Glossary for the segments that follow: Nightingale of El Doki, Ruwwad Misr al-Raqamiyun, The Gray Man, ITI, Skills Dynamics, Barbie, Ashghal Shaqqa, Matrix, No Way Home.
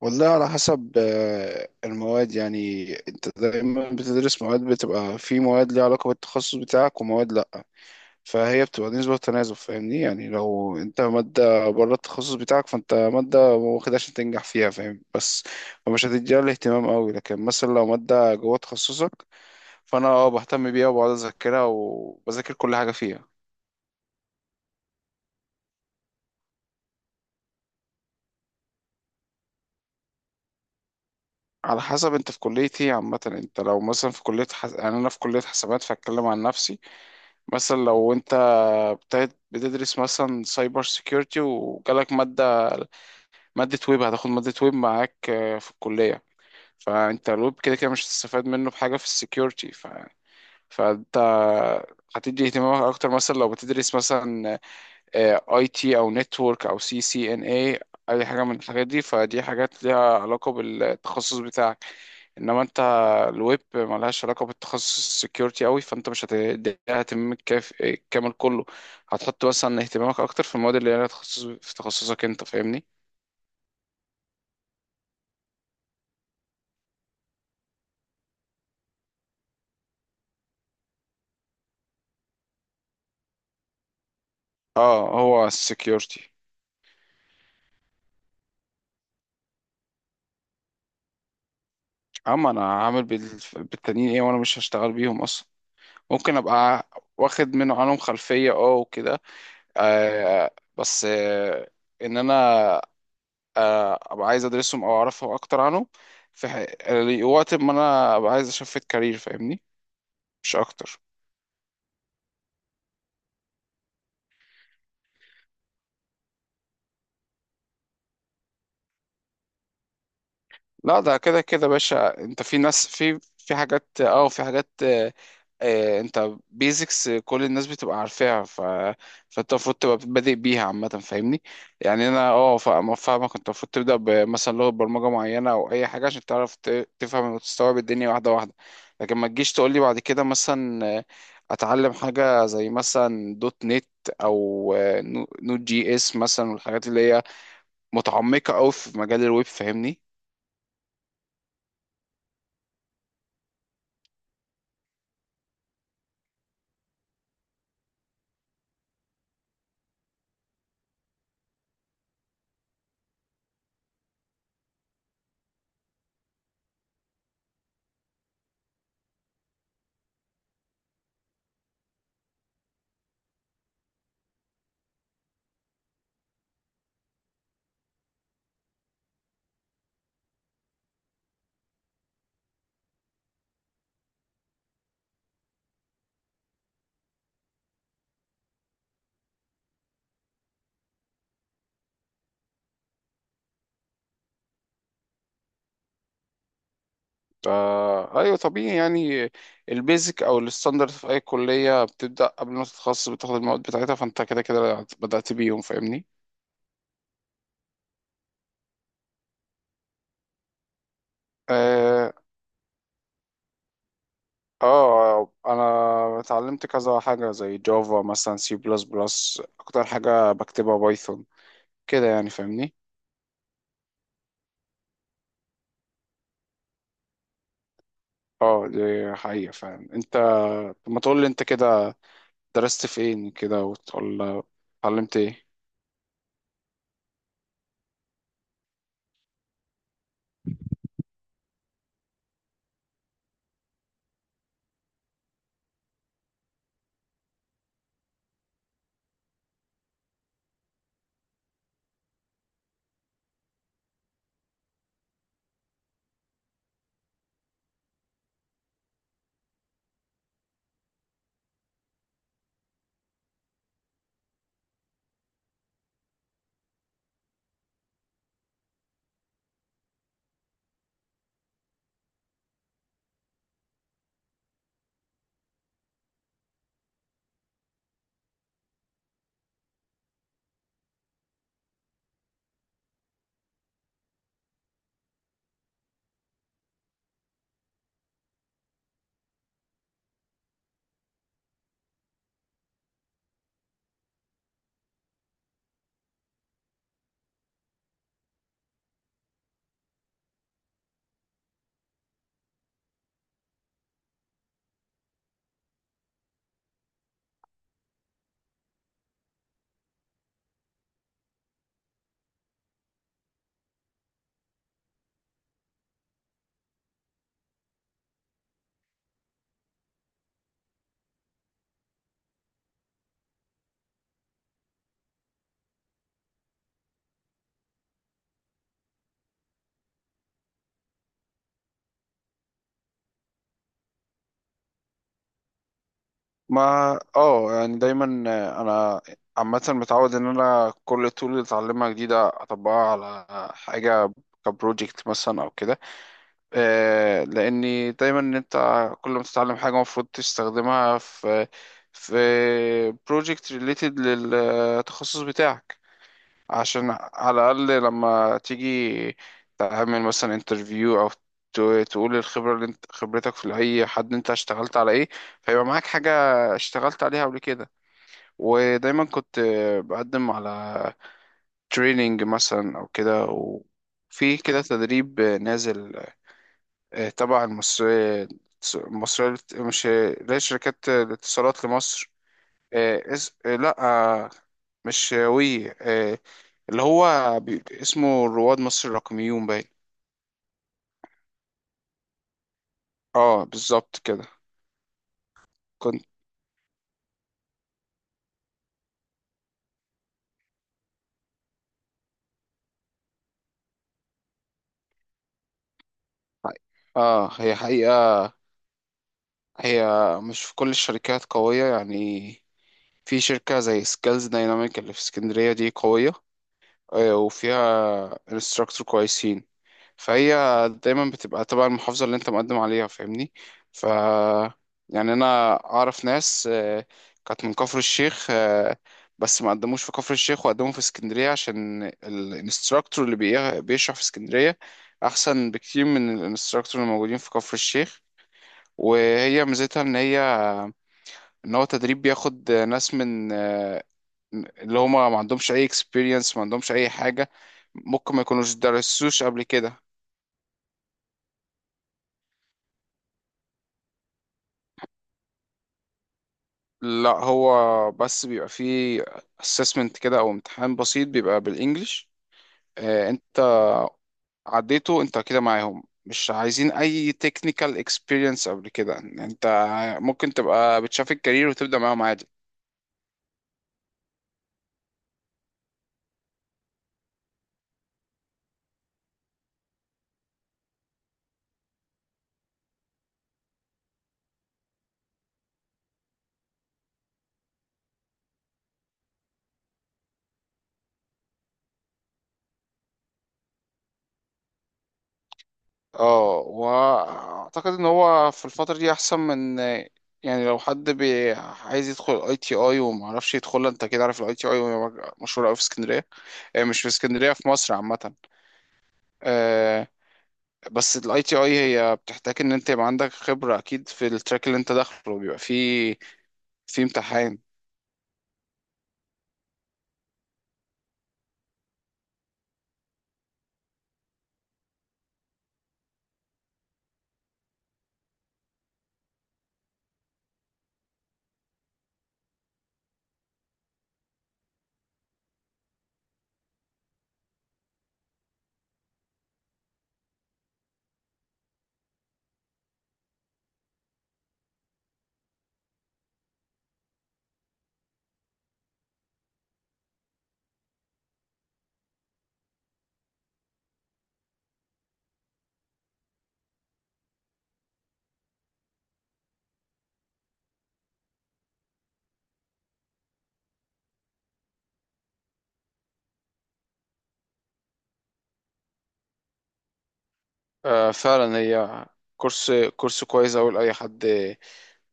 والله على حسب المواد. يعني انت دايما بتدرس مواد، بتبقى في مواد ليها علاقة بالتخصص بتاعك ومواد لا، فهي بتبقى نسبة وتناسب، فاهمني؟ يعني لو انت مادة بره التخصص بتاعك، فانت مادة واخدها عشان تنجح فيها، فاهم؟ بس فمش هتديها الاهتمام قوي. لكن مثلا لو مادة جوه تخصصك، فانا اه بهتم بيها وبقعد اذاكرها وبذاكر كل حاجة فيها. على حسب انت في كلية ايه عامة. انت لو مثلا في كلية يعني انا في كلية حسابات فاتكلم عن نفسي. مثلا لو انت ابتدت بتدرس مثلا سايبر سيكيورتي وجالك مادة ويب، هتاخد مادة ويب معاك في الكلية. فانت الويب كده كده مش هتستفاد منه بحاجة في السيكيورتي فانت هتدي اهتمامك اكتر. مثلا لو بتدرس مثلا اي تي او نتورك او سي سي ان اي، اي حاجة من الحاجات دي، فدي حاجات ليها علاقة بالتخصص بتاعك. انما انت الويب ملهاش علاقه بالتخصص السكيورتي قوي، فانت مش هتديها اهتمامك كامل كله. هتحط مثلا اهتمامك اكتر في المواد اللي ليها تخصص في تخصصك انت، فاهمني؟ اه، هو السكيورتي. اما انا عامل بالتانيين ايه وانا مش هشتغل بيهم اصلا؟ ممكن ابقى واخد عنهم خلفيه اه وكده. آه، بس آه، انا آه ابقى عايز ادرسهم او اعرفهم اكتر عنهم في ح- وقت ما انا ابقى عايز اشفت كارير، فاهمني؟ مش اكتر. لا ده كده كده يا باشا، انت في ناس في حاجات اه في حاجات اه، اه، انت بيزكس كل الناس بتبقى عارفاها، ف فانت المفروض تبقى بادئ بيها عامة، فاهمني؟ يعني انا اه فاهمك، انت المفروض تبدأ بمثلا لغة برمجة معينة او اي حاجة عشان تعرف تفهم وتستوعب الدنيا واحدة واحدة. لكن ما تجيش تقول لي بعد كده مثلا اتعلم حاجة زي مثلا دوت نت او نود جي اس مثلا، والحاجات اللي هي متعمقة قوي في مجال الويب، فاهمني؟ فا ايوه طبيعي يعني. البيزك او الستاندرد في اي كليه بتبدا قبل ما تتخصص بتاخد المواد بتاعتها، فانت كده كده بدات بيهم، فاهمني؟ اه، انا اتعلمت كذا حاجه زي جافا مثلا، سي بلس بلس، اكتر حاجه بكتبها بايثون كده يعني، فاهمني؟ اه دي حقيقه فعلا. انت طب ما تقول لي انت كده درست فين كده، وتقول اتعلمت ايه؟ ما اه، يعني دايما انا عامة متعود ان انا كل طول اللي اتعلمها جديدة اطبقها على حاجة كبروجكت مثلا او كده. لاني دايما ان انت كل ما تتعلم حاجة المفروض تستخدمها في بروجكت ريليتد للتخصص بتاعك. عشان على الأقل لما تيجي تعمل مثلا انترفيو أو تقول الخبرة اللي انت خبرتك في أي حد انت اشتغلت على ايه، فيبقى معاك حاجة اشتغلت عليها قبل كده. ودايما كنت بقدم على تريننج مثلا أو كده. وفي كده تدريب نازل اه، تبع مش، لا، شركات الاتصالات لمصر. لا، آه، مش وي اللي هو اسمه رواد مصر الرقميون، باين. اه بالظبط كده. كنت اه. هي حقيقة هي مش في كل الشركات قوية يعني. في شركة زي سكيلز دايناميك اللي في اسكندرية دي قوية، وفيها انستراكتور كويسين. فهي دايما بتبقى تبع المحافظة اللي انت مقدم عليها، فاهمني؟ ف يعني انا اعرف ناس كانت من كفر الشيخ بس ما قدموش في كفر الشيخ وقدموا في اسكندرية، عشان الانستراكتور اللي بيشرح في اسكندرية احسن بكتير من الانستراكتور اللي موجودين في كفر الشيخ. وهي ميزتها ان هي ان هو تدريب بياخد ناس من اللي هما ما عندهمش اي experience، ما عندهمش اي حاجة. ممكن ما يكونوش درسوش قبل كده. لا هو بس بيبقى فيه assessment كده او امتحان بسيط، بيبقى بالانجلش. انت عديته انت كده معاهم، مش عايزين اي technical experience قبل كده. انت ممكن تبقى بتشاف الكارير وتبدأ معاهم عادي. اه واعتقد ان هو في الفترة دي احسن من، يعني لو حد بي عايز يدخل اي تي اي وما عرفش يدخلها، انت كده عارف الاي تي اي مشهوره قوي في اسكندريه. مش في اسكندريه، في مصر عامه. آه، بس الاي تي اي هي بتحتاج ان انت يبقى عندك خبرة اكيد في التراك اللي انت داخله، بيبقى فيه في امتحان. آه فعلا هي كورس كويس اوي لاي حد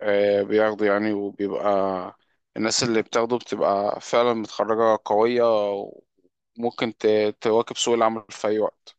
آه بياخده يعني. وبيبقى الناس اللي بتاخده بتبقى فعلا متخرجة قوية، وممكن تواكب سوق العمل في اي وقت.